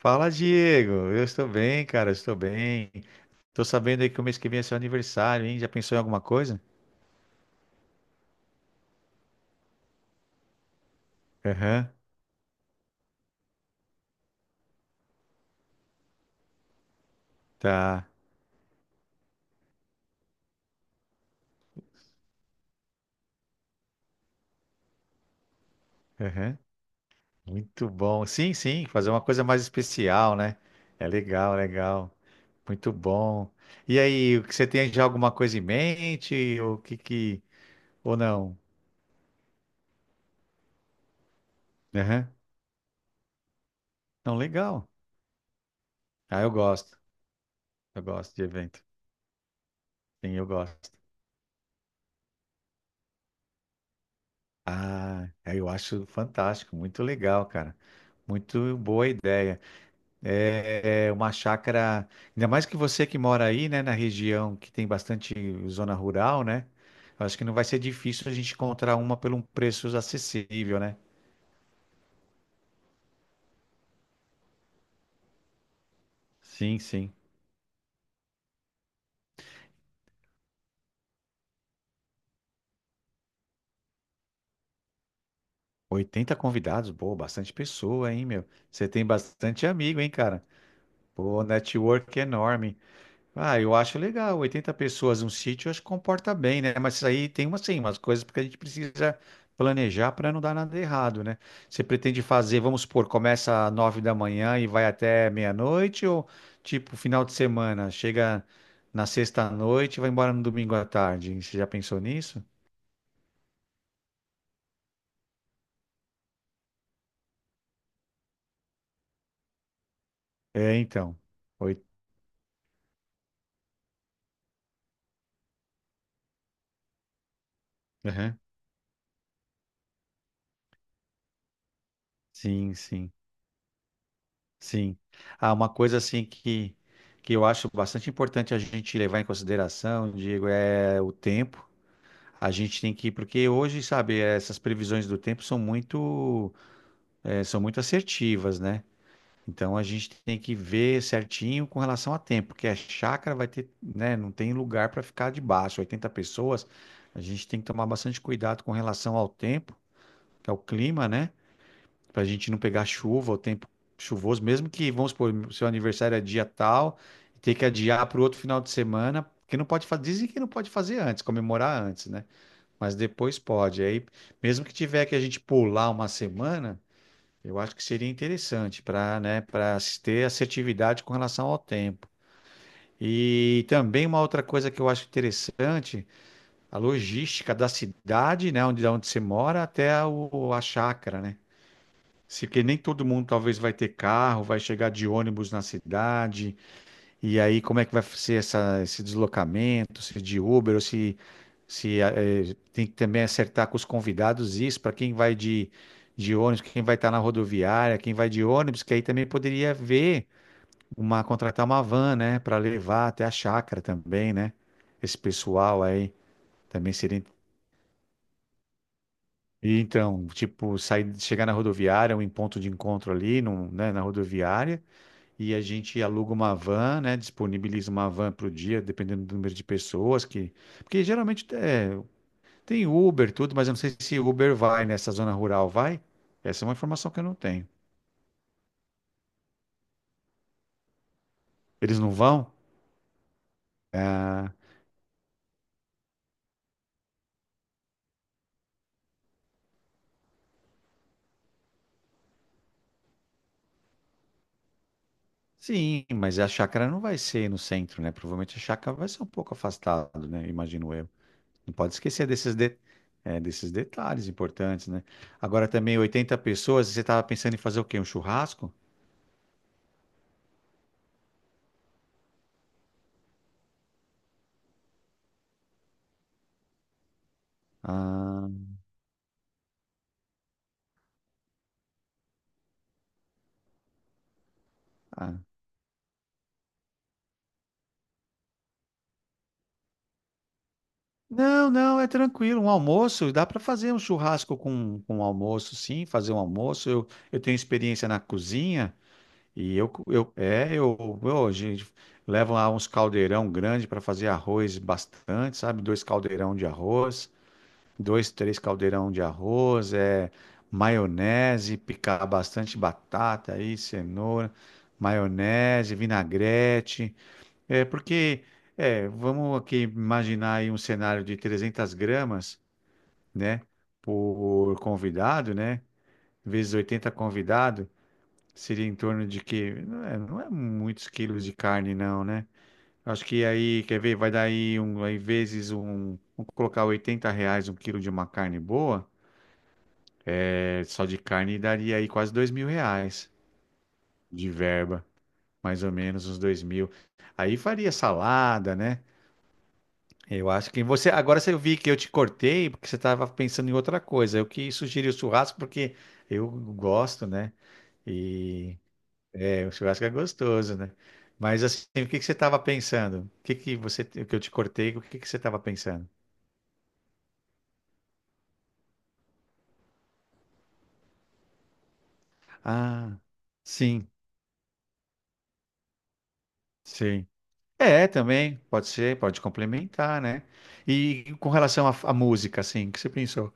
Fala, Diego. Eu estou bem, cara. Eu estou bem. Tô sabendo aí que o mês que vem é seu aniversário, hein? Já pensou em alguma coisa? Aham, tá. Aham. Muito bom. Sim, sim, fazer uma coisa mais especial, né? É legal, legal. Muito bom. E aí, o que você tem já alguma coisa em mente? Ou que que. Ou não? Aham. Não, legal. Ah, eu gosto. Eu gosto de evento. Sim, eu gosto. Ah, é, eu acho fantástico. Muito legal, cara. Muito boa ideia. É uma chácara, ainda mais que você que mora aí, né, na região que tem bastante zona rural, né? Eu acho que não vai ser difícil a gente encontrar uma por um preço acessível, né? Sim, sim. 80 convidados, pô, bastante pessoa, hein, meu? Você tem bastante amigo, hein, cara? Pô, network enorme. Ah, eu acho legal. 80 pessoas num sítio, eu acho que comporta bem, né? Mas isso aí tem uma, sim, umas coisas porque a gente precisa planejar para não dar nada errado, né? Você pretende fazer, vamos supor, começa às 9 da manhã e vai até meia-noite ou tipo final de semana, chega na sexta-noite e vai embora no domingo à tarde? Você já pensou nisso? É, então. Oi. Aham. Sim, sim, sim. Ah, uma coisa assim que eu acho bastante importante a gente levar em consideração, Diego, é o tempo. A gente tem que, porque hoje, sabe, essas previsões do tempo são muito assertivas, né? Então a gente tem que ver certinho com relação a tempo, porque a chácara vai ter, né, não tem lugar para ficar debaixo, 80 pessoas. A gente tem que tomar bastante cuidado com relação ao tempo, que é o clima, né? Para a gente não pegar chuva, o tempo chuvoso, mesmo que, vamos supor, seu aniversário é dia tal, ter que adiar para o outro final de semana, porque não pode fazer, dizem que não pode fazer antes, comemorar antes, né? Mas depois pode. Aí, mesmo que tiver que a gente pular uma semana, eu acho que seria interessante para, né, para ter assertividade com relação ao tempo. E também uma outra coisa que eu acho interessante, a logística da cidade, né, onde você mora, até a chácara, né? Se, porque nem todo mundo talvez vai ter carro, vai chegar de ônibus na cidade, e aí, como é que vai ser esse deslocamento, se é de Uber, ou se eh, tem que também acertar com os convidados isso, para quem vai de ônibus, quem vai estar na rodoviária, quem vai de ônibus, que aí também poderia ver contratar uma van, né, para levar até a chácara também, né? Esse pessoal aí também seria. E então, tipo, sair, chegar na rodoviária, um ponto de encontro ali, na rodoviária e a gente aluga uma van, né? Disponibiliza uma van para o dia, dependendo do número de pessoas que. Porque geralmente é, tem Uber, tudo, mas eu não sei se Uber vai nessa zona rural, vai? Essa é uma informação que eu não tenho. Eles não vão? Ah, sim, mas a chácara não vai ser no centro, né? Provavelmente a chácara vai ser um pouco afastado, né? Imagino eu. Não pode esquecer desses detalhes importantes, né? Agora também 80 pessoas, você estava pensando em fazer o quê? Um churrasco? Ah, ah. Não, não, é tranquilo. Um almoço, dá para fazer um churrasco com um almoço, sim, fazer um almoço. Eu tenho experiência na cozinha e eu, co- eu é, eu a gente leva lá uns caldeirão grande para fazer arroz bastante, sabe? Dois caldeirão de arroz, dois, três caldeirão de arroz, é maionese, picar bastante batata aí, cenoura, maionese, vinagrete. É porque, é, vamos aqui imaginar aí um cenário de 300 gramas, né, por convidado, né, vezes 80 convidado, seria em torno de que, não é, não é muitos quilos de carne não, né? Acho que aí, quer ver, vai dar aí, um, aí vezes um, vamos colocar R$ 80 um quilo de uma carne boa, é, só de carne daria aí quase R$ 2.000 de verba, mais ou menos uns 2.000. Aí faria salada, né? Eu acho que você. Agora você vi que eu te cortei porque você estava pensando em outra coisa. Eu que sugeri o churrasco porque eu gosto, né? E é, o churrasco é gostoso, né? Mas assim, o que que você estava pensando? O que que você, o que eu te cortei? O que que você estava pensando? Ah, sim, sim. É, também pode ser, pode complementar, né? E com relação à música, assim, o que você pensou?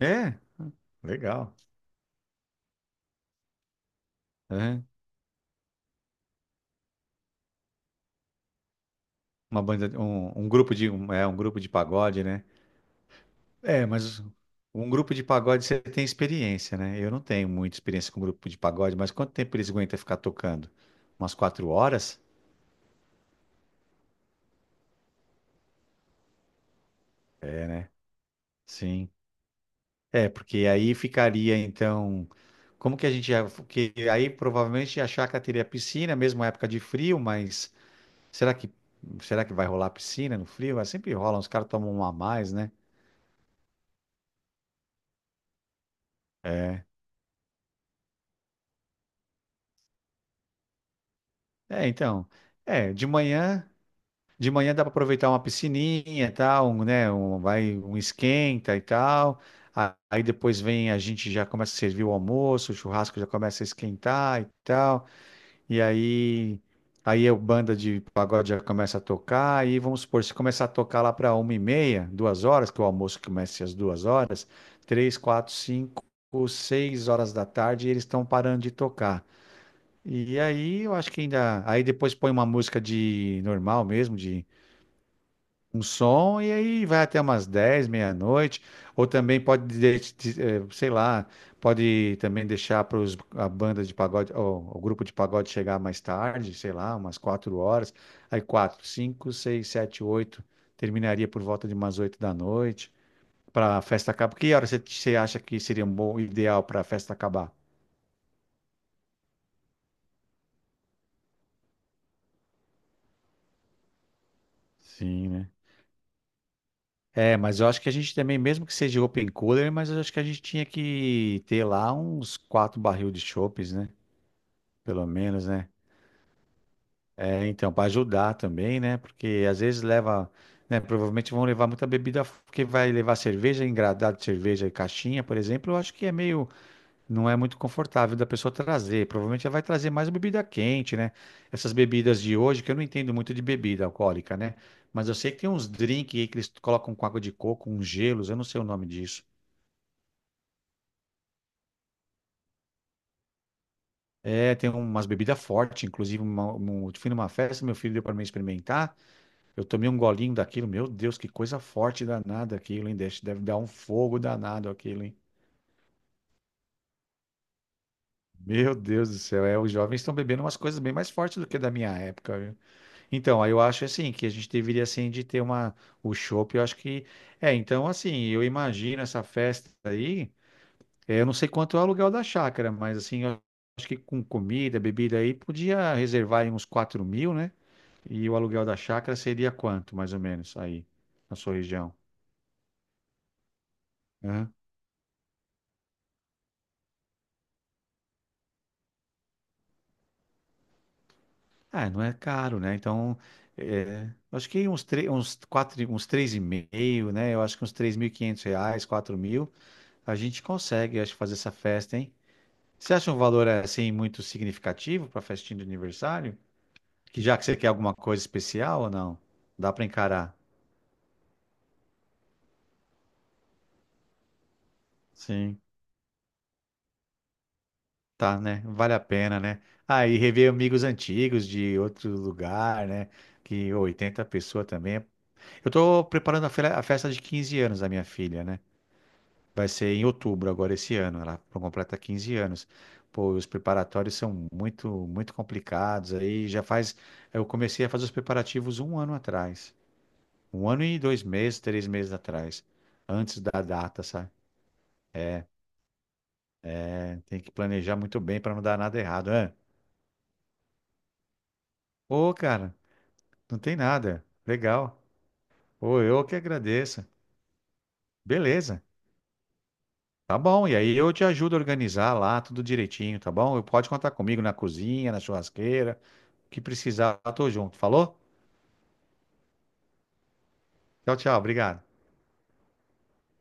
É, legal. É, uma banda, grupo de, grupo de pagode, né? É, mas um grupo de pagode você tem experiência, né? Eu não tenho muita experiência com um grupo de pagode, mas quanto tempo eles aguentam ficar tocando? Umas 4 horas? Sim. É, porque aí ficaria, então. Como que a gente ia. Porque aí provavelmente a chácara teria piscina, mesmo época de frio, mas será que, será que vai rolar piscina no frio? Ah, Sempre rola, os caras tomam uma a mais, né? É, é, então. É, de manhã. De manhã dá para aproveitar uma piscininha e tal, um, né? Um, vai um esquenta e tal. Aí depois vem a gente já começa a servir o almoço, o churrasco já começa a esquentar e tal. E aí a banda de pagode já começa a tocar. E vamos supor, se começar a tocar lá para 1h30, 2 horas, que o almoço começa às 2 horas, três, quatro, cinco, seis horas da tarde, eles estão parando de tocar. E aí eu acho que ainda. Aí depois põe uma música de normal mesmo, de um som e aí vai até umas 10 meia-noite, ou também pode, sei lá, pode também deixar para a banda de pagode, ou, o grupo de pagode chegar mais tarde, sei lá, umas 4 horas, aí 4 5 6 7 8 terminaria por volta de umas 8 da noite, para a festa acabar. Que hora você acha que seria um bom ideal para a festa acabar? Sim, né? É, mas eu acho que a gente também, mesmo que seja open cooler, mas eu acho que a gente tinha que ter lá uns quatro barril de chopes, né? Pelo menos, né? É, então, para ajudar também, né? Porque às vezes leva, né? Provavelmente vão levar muita bebida, porque vai levar cerveja, engradado de cerveja e caixinha, por exemplo, eu acho que é meio, não é muito confortável da pessoa trazer. Provavelmente ela vai trazer mais bebida quente, né? Essas bebidas de hoje, que eu não entendo muito de bebida alcoólica, né? Mas eu sei que tem uns drinks aí que eles colocam com água de coco, uns gelos, eu não sei o nome disso. É, tem umas bebidas fortes, inclusive, fui numa festa, meu filho deu para mim experimentar. Eu tomei um golinho daquilo, meu Deus, que coisa forte danada aquilo, hein? Deve dar um fogo danado aquilo, hein? Meu Deus do céu, é, os jovens estão bebendo umas coisas bem mais fortes do que da minha época, viu? Então, aí eu acho assim, que a gente deveria assim de ter uma, o chopp, eu acho que, é, então assim, eu imagino essa festa aí, é, eu não sei quanto é o aluguel da chácara, mas assim, eu acho que com comida, bebida aí, podia reservar aí uns 4.000, né? E o aluguel da chácara seria quanto, mais ou menos, aí, na sua região? Ah, não é caro, né? Então, é, acho que uns, uns, quatro, uns três e meio, né? Eu acho que uns R$ 3.500, 4.000, a gente consegue, acho, fazer essa festa, hein? Você acha um valor, assim, muito significativo para festinha de aniversário? Que já que você quer alguma coisa especial ou não? Dá para encarar. Sim, tá, né? Vale a pena, né? Ah, e rever amigos antigos de outro lugar, né? Que ô, 80 pessoas também. Eu tô preparando a festa de 15 anos da minha filha, né? Vai ser em outubro agora esse ano. Ela completa 15 anos. Pô, os preparatórios são muito, muito complicados. Aí já faz. Eu comecei a fazer os preparativos um ano atrás. Um ano e 2 meses, 3 meses atrás. Antes da data, sabe? É, tem que planejar muito bem para não dar nada errado. É. Ô, cara, não tem nada. Legal. Ô, eu que agradeço. Beleza. Tá bom. E aí eu te ajudo a organizar lá tudo direitinho, tá bom? Pode contar comigo na cozinha, na churrasqueira. O que precisar, eu tô junto. Falou? Tchau, tchau. Obrigado.